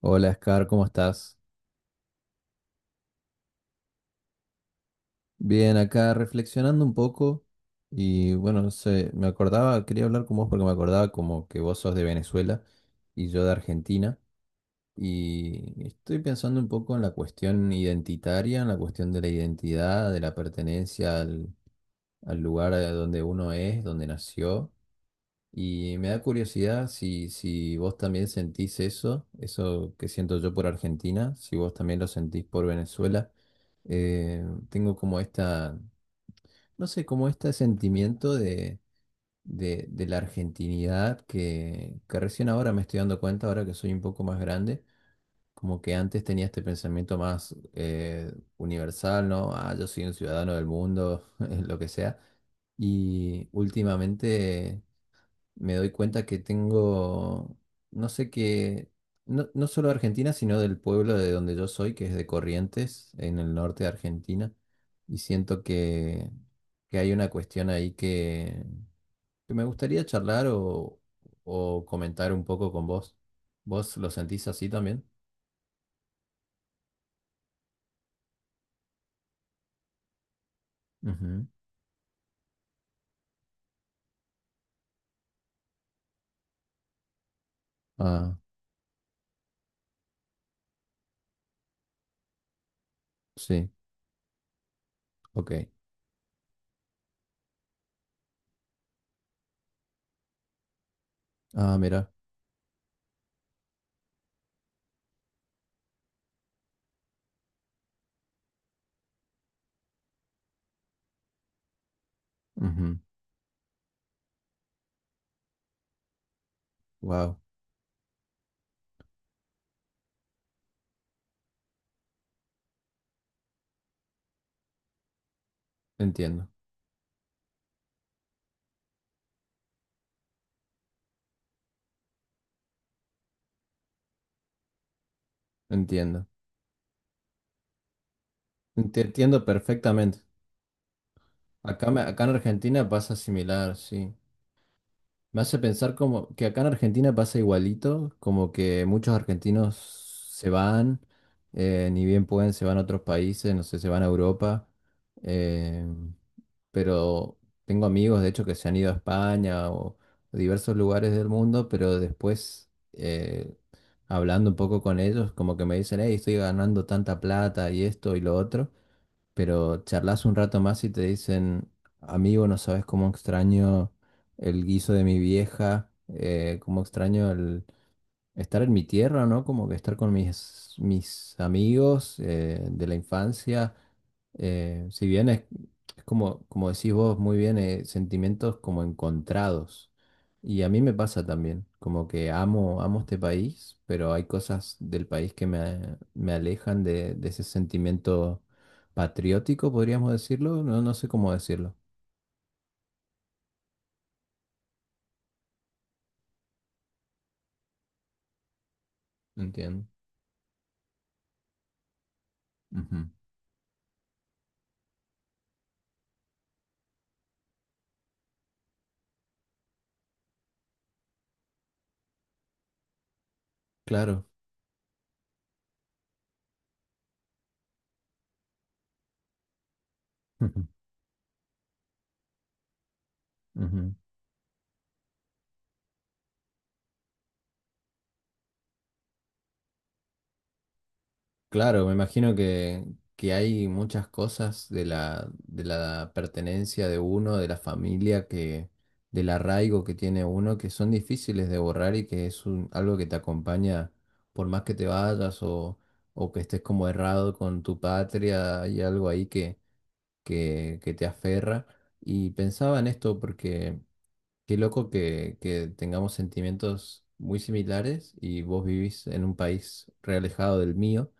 Hola, Scar, ¿cómo estás? Bien, acá reflexionando un poco y bueno, no sé, me acordaba, quería hablar con vos porque me acordaba como que vos sos de Venezuela y yo de Argentina y estoy pensando un poco en la cuestión identitaria, en la cuestión de la identidad, de la pertenencia al lugar a donde uno es, donde nació. Y me da curiosidad si vos también sentís eso que siento yo por Argentina, si vos también lo sentís por Venezuela. Tengo como esta, no sé, como este sentimiento de la argentinidad que recién ahora me estoy dando cuenta, ahora que soy un poco más grande, como que antes tenía este pensamiento más universal, ¿no? Ah, yo soy un ciudadano del mundo, lo que sea. Y últimamente me doy cuenta que tengo, no sé qué, no, no solo de Argentina, sino del pueblo de donde yo soy, que es de Corrientes, en el norte de Argentina, y siento que hay una cuestión ahí que me gustaría charlar o comentar un poco con vos. ¿Vos lo sentís así también? Ujú. Ah, sí, ok. Ah, mira. Wow, entiendo, entiendo. Te entiendo perfectamente. Acá, acá en Argentina pasa similar, sí. Me hace pensar como que acá en Argentina pasa igualito, como que muchos argentinos se van, ni bien pueden, se van a otros países, no sé, se van a Europa. eh, pero tengo amigos, de hecho, que se han ido a España o a diversos lugares del mundo, pero después, hablando un poco con ellos, como que me dicen, hey, estoy ganando tanta plata y esto y lo otro pero charlas un rato más y te dicen, amigo, no sabes cómo extraño el guiso de mi vieja, cómo extraño estar en mi tierra, ¿no? Como que estar con mis amigos de la infancia. Si bien es como decís vos muy bien, sentimientos como encontrados. Y a mí me pasa también, como que amo, amo este país, pero hay cosas del país que me alejan de ese sentimiento patriótico, podríamos decirlo. No, no sé cómo decirlo. Entiendo. Ujú. Claro. Ujú. Claro, me imagino que hay muchas cosas de la pertenencia de uno, de la familia, del arraigo que tiene uno, que son difíciles de borrar y que es algo que te acompaña por más que te vayas o que estés como errado con tu patria, hay algo ahí que te aferra. Y pensaba en esto porque qué loco que tengamos sentimientos muy similares y vos vivís en un país realejado del mío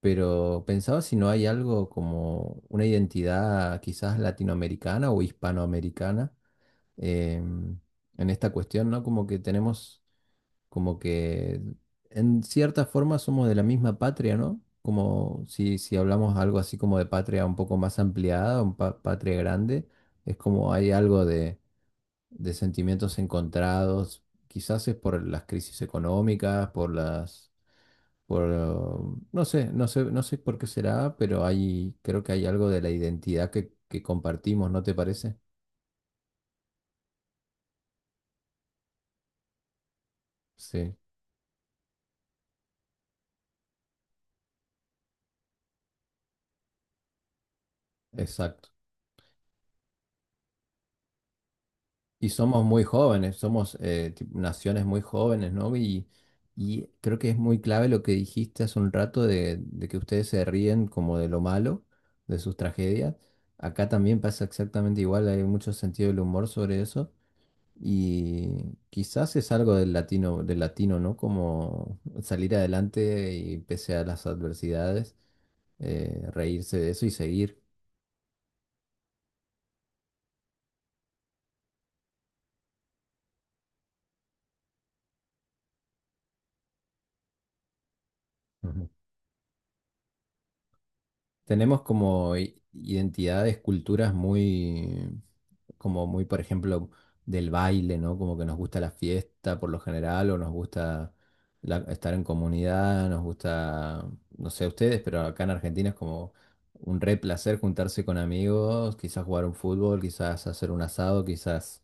pero pensaba si no hay algo como una identidad quizás latinoamericana o hispanoamericana em, en esta cuestión, ¿no? Como que tenemos, como que en cierta forma somos de la misma patria, ¿no? Como si hablamos algo así como de patria un poco más ampliada, un patria grande, es como hay algo de sentimientos encontrados, quizás es por las crisis económicas, no sé, no sé, no sé por qué será, pero creo que hay algo de la identidad que compartimos, ¿no te parece? Sí, exacto. Y somos muy jóvenes, somos naciones muy jóvenes, ¿no? Y creo que es muy clave lo que dijiste hace un rato de que ustedes se ríen como de lo malo, de sus tragedias. Acá también pasa exactamente igual, hay mucho sentido del humor sobre eso. Y quizás es algo del latino, ¿no? Como salir adelante y pese a las adversidades, reírse de eso y seguir. Ujú. Tenemos como identidades, culturas como muy, por ejemplo, del baile, ¿no? Como que nos gusta la fiesta por lo general, o nos gusta estar en comunidad, nos gusta, no sé ustedes, pero acá en Argentina es como un re placer juntarse con amigos, quizás jugar un fútbol, quizás hacer un asado, quizás,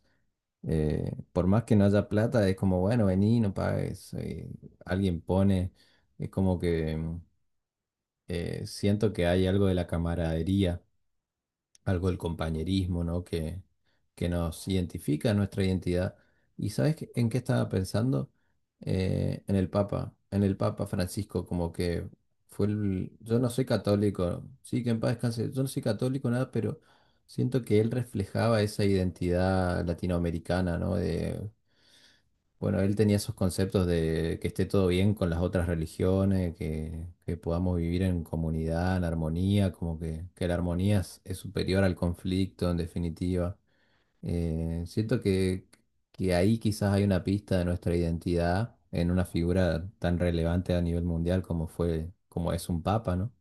por más que no haya plata, es como, bueno, vení, no pagues, alguien pone, es como que siento que hay algo de la camaradería algo del compañerismo, ¿no? Que nos identifica nuestra identidad. ¿Y sabes en qué estaba pensando? En el Papa, en el Papa Francisco, como que yo no soy católico, sí, que en paz descanse, yo no soy católico, nada, pero siento que él reflejaba esa identidad latinoamericana, ¿no? De bueno, él tenía esos conceptos de que esté todo bien con las otras religiones, que podamos vivir en comunidad, en armonía, como que la armonía es superior al conflicto en definitiva. Siento que ahí quizás hay una pista de nuestra identidad en una figura tan relevante a nivel mundial como fue, como es un papa, ¿no?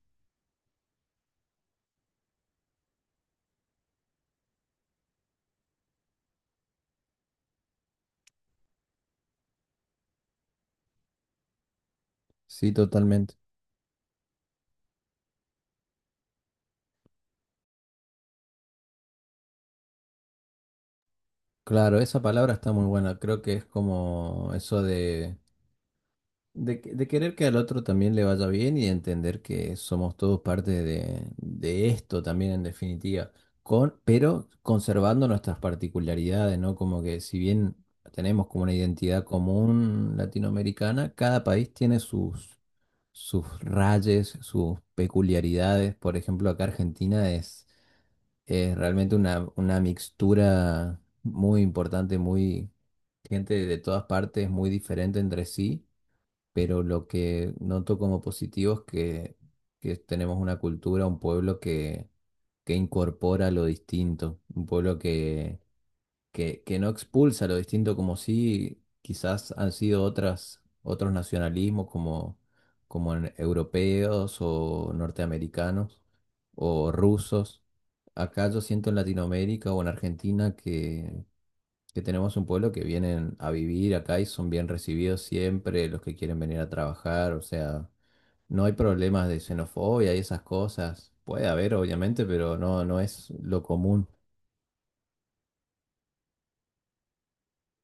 Sí, totalmente. Claro, esa palabra está muy buena. Creo que es como eso de querer que al otro también le vaya bien y de entender que somos todos parte de esto también en definitiva, pero conservando nuestras particularidades, ¿no? Como que si bien tenemos como una identidad común latinoamericana, cada país tiene sus rayes, sus peculiaridades. Por ejemplo, acá Argentina es realmente una mixtura muy importante, muy gente de todas partes, muy diferente entre sí pero lo que noto como positivo es que tenemos una cultura, un pueblo que incorpora lo distinto, un pueblo que no expulsa lo distinto como si quizás han sido otras, otros nacionalismos como europeos o norteamericanos o rusos. Acá yo siento en Latinoamérica o en Argentina que tenemos un pueblo que vienen a vivir acá y son bien recibidos siempre los que quieren venir a trabajar, o sea, no hay problemas de xenofobia y esas cosas. Puede haber, obviamente, pero no, no es lo común.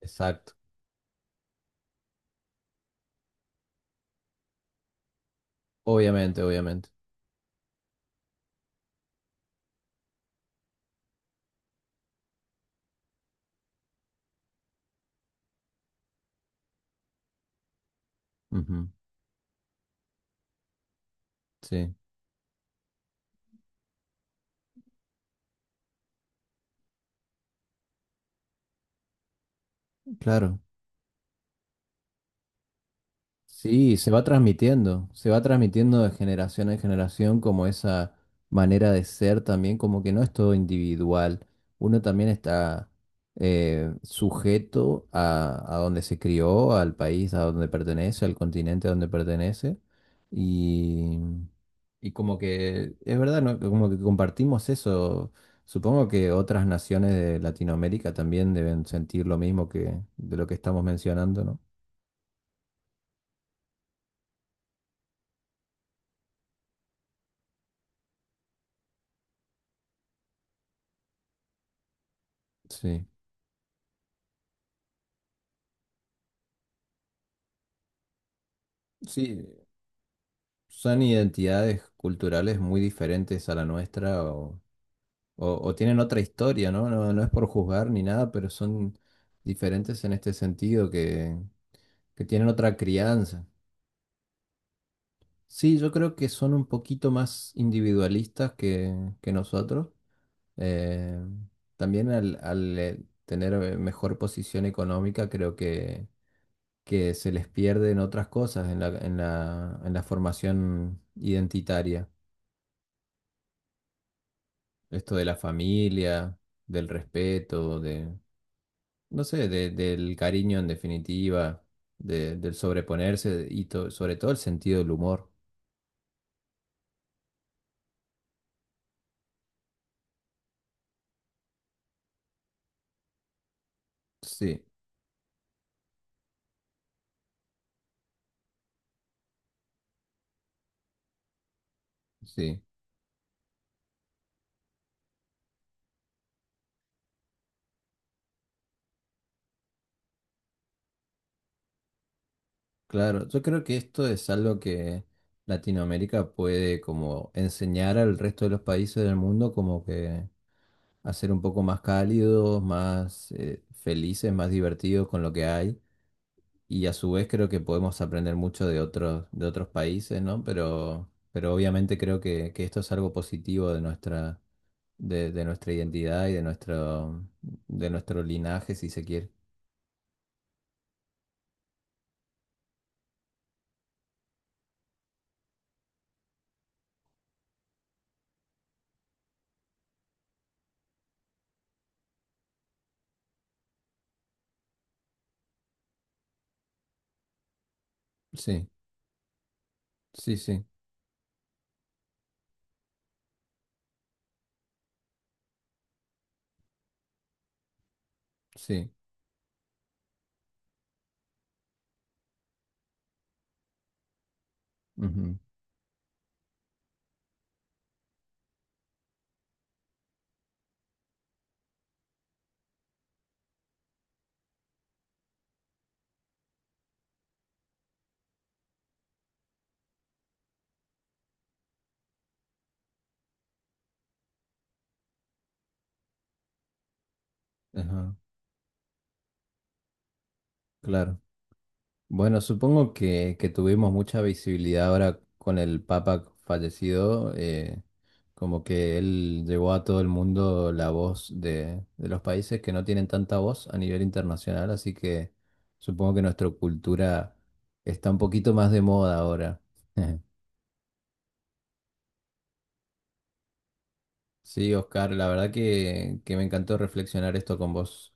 Exacto. Obviamente, obviamente. Ujú. Sí, claro. Sí, se va transmitiendo de generación en generación como esa manera de ser también, como que no es todo individual, uno también está sujeto a donde se crió, al país a donde pertenece, al continente a donde pertenece, y, y como que es verdad, ¿no? Como que compartimos eso, supongo que otras naciones de Latinoamérica también deben sentir lo mismo que de lo que estamos mencionando, ¿no? Sí. Sí, son identidades culturales muy diferentes a la nuestra o tienen otra historia, ¿no? No, no es por juzgar ni nada, pero son diferentes en este sentido, que tienen otra crianza. Sí, yo creo que son un poquito más individualistas que nosotros. Eh, También al tener mejor posición económica, creo que se les pierden otras cosas en la formación identitaria. Esto de la familia, del respeto, no sé, del cariño en definitiva, del sobreponerse y sobre todo el sentido del humor. Sí, sí, claro. Yo creo que esto es algo que Latinoamérica puede como enseñar al resto de los países del mundo como que hacer un poco más cálidos, más felices, más divertidos con lo que hay. Y a su vez creo que podemos aprender mucho de otros países, ¿no? Pero obviamente creo que esto es algo positivo de nuestra identidad y de nuestro linaje, si se quiere. Sí, sí, sí, sí. Ujú. Ajá, claro. Bueno, supongo que tuvimos mucha visibilidad ahora con el Papa fallecido, como que él llevó a todo el mundo la voz de los países que no tienen tanta voz a nivel internacional, así que supongo que nuestra cultura está un poquito más de moda ahora. Sí, Oscar, la verdad que me encantó reflexionar esto con vos.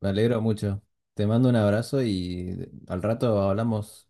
Me alegro mucho. Te mando un abrazo y al rato hablamos.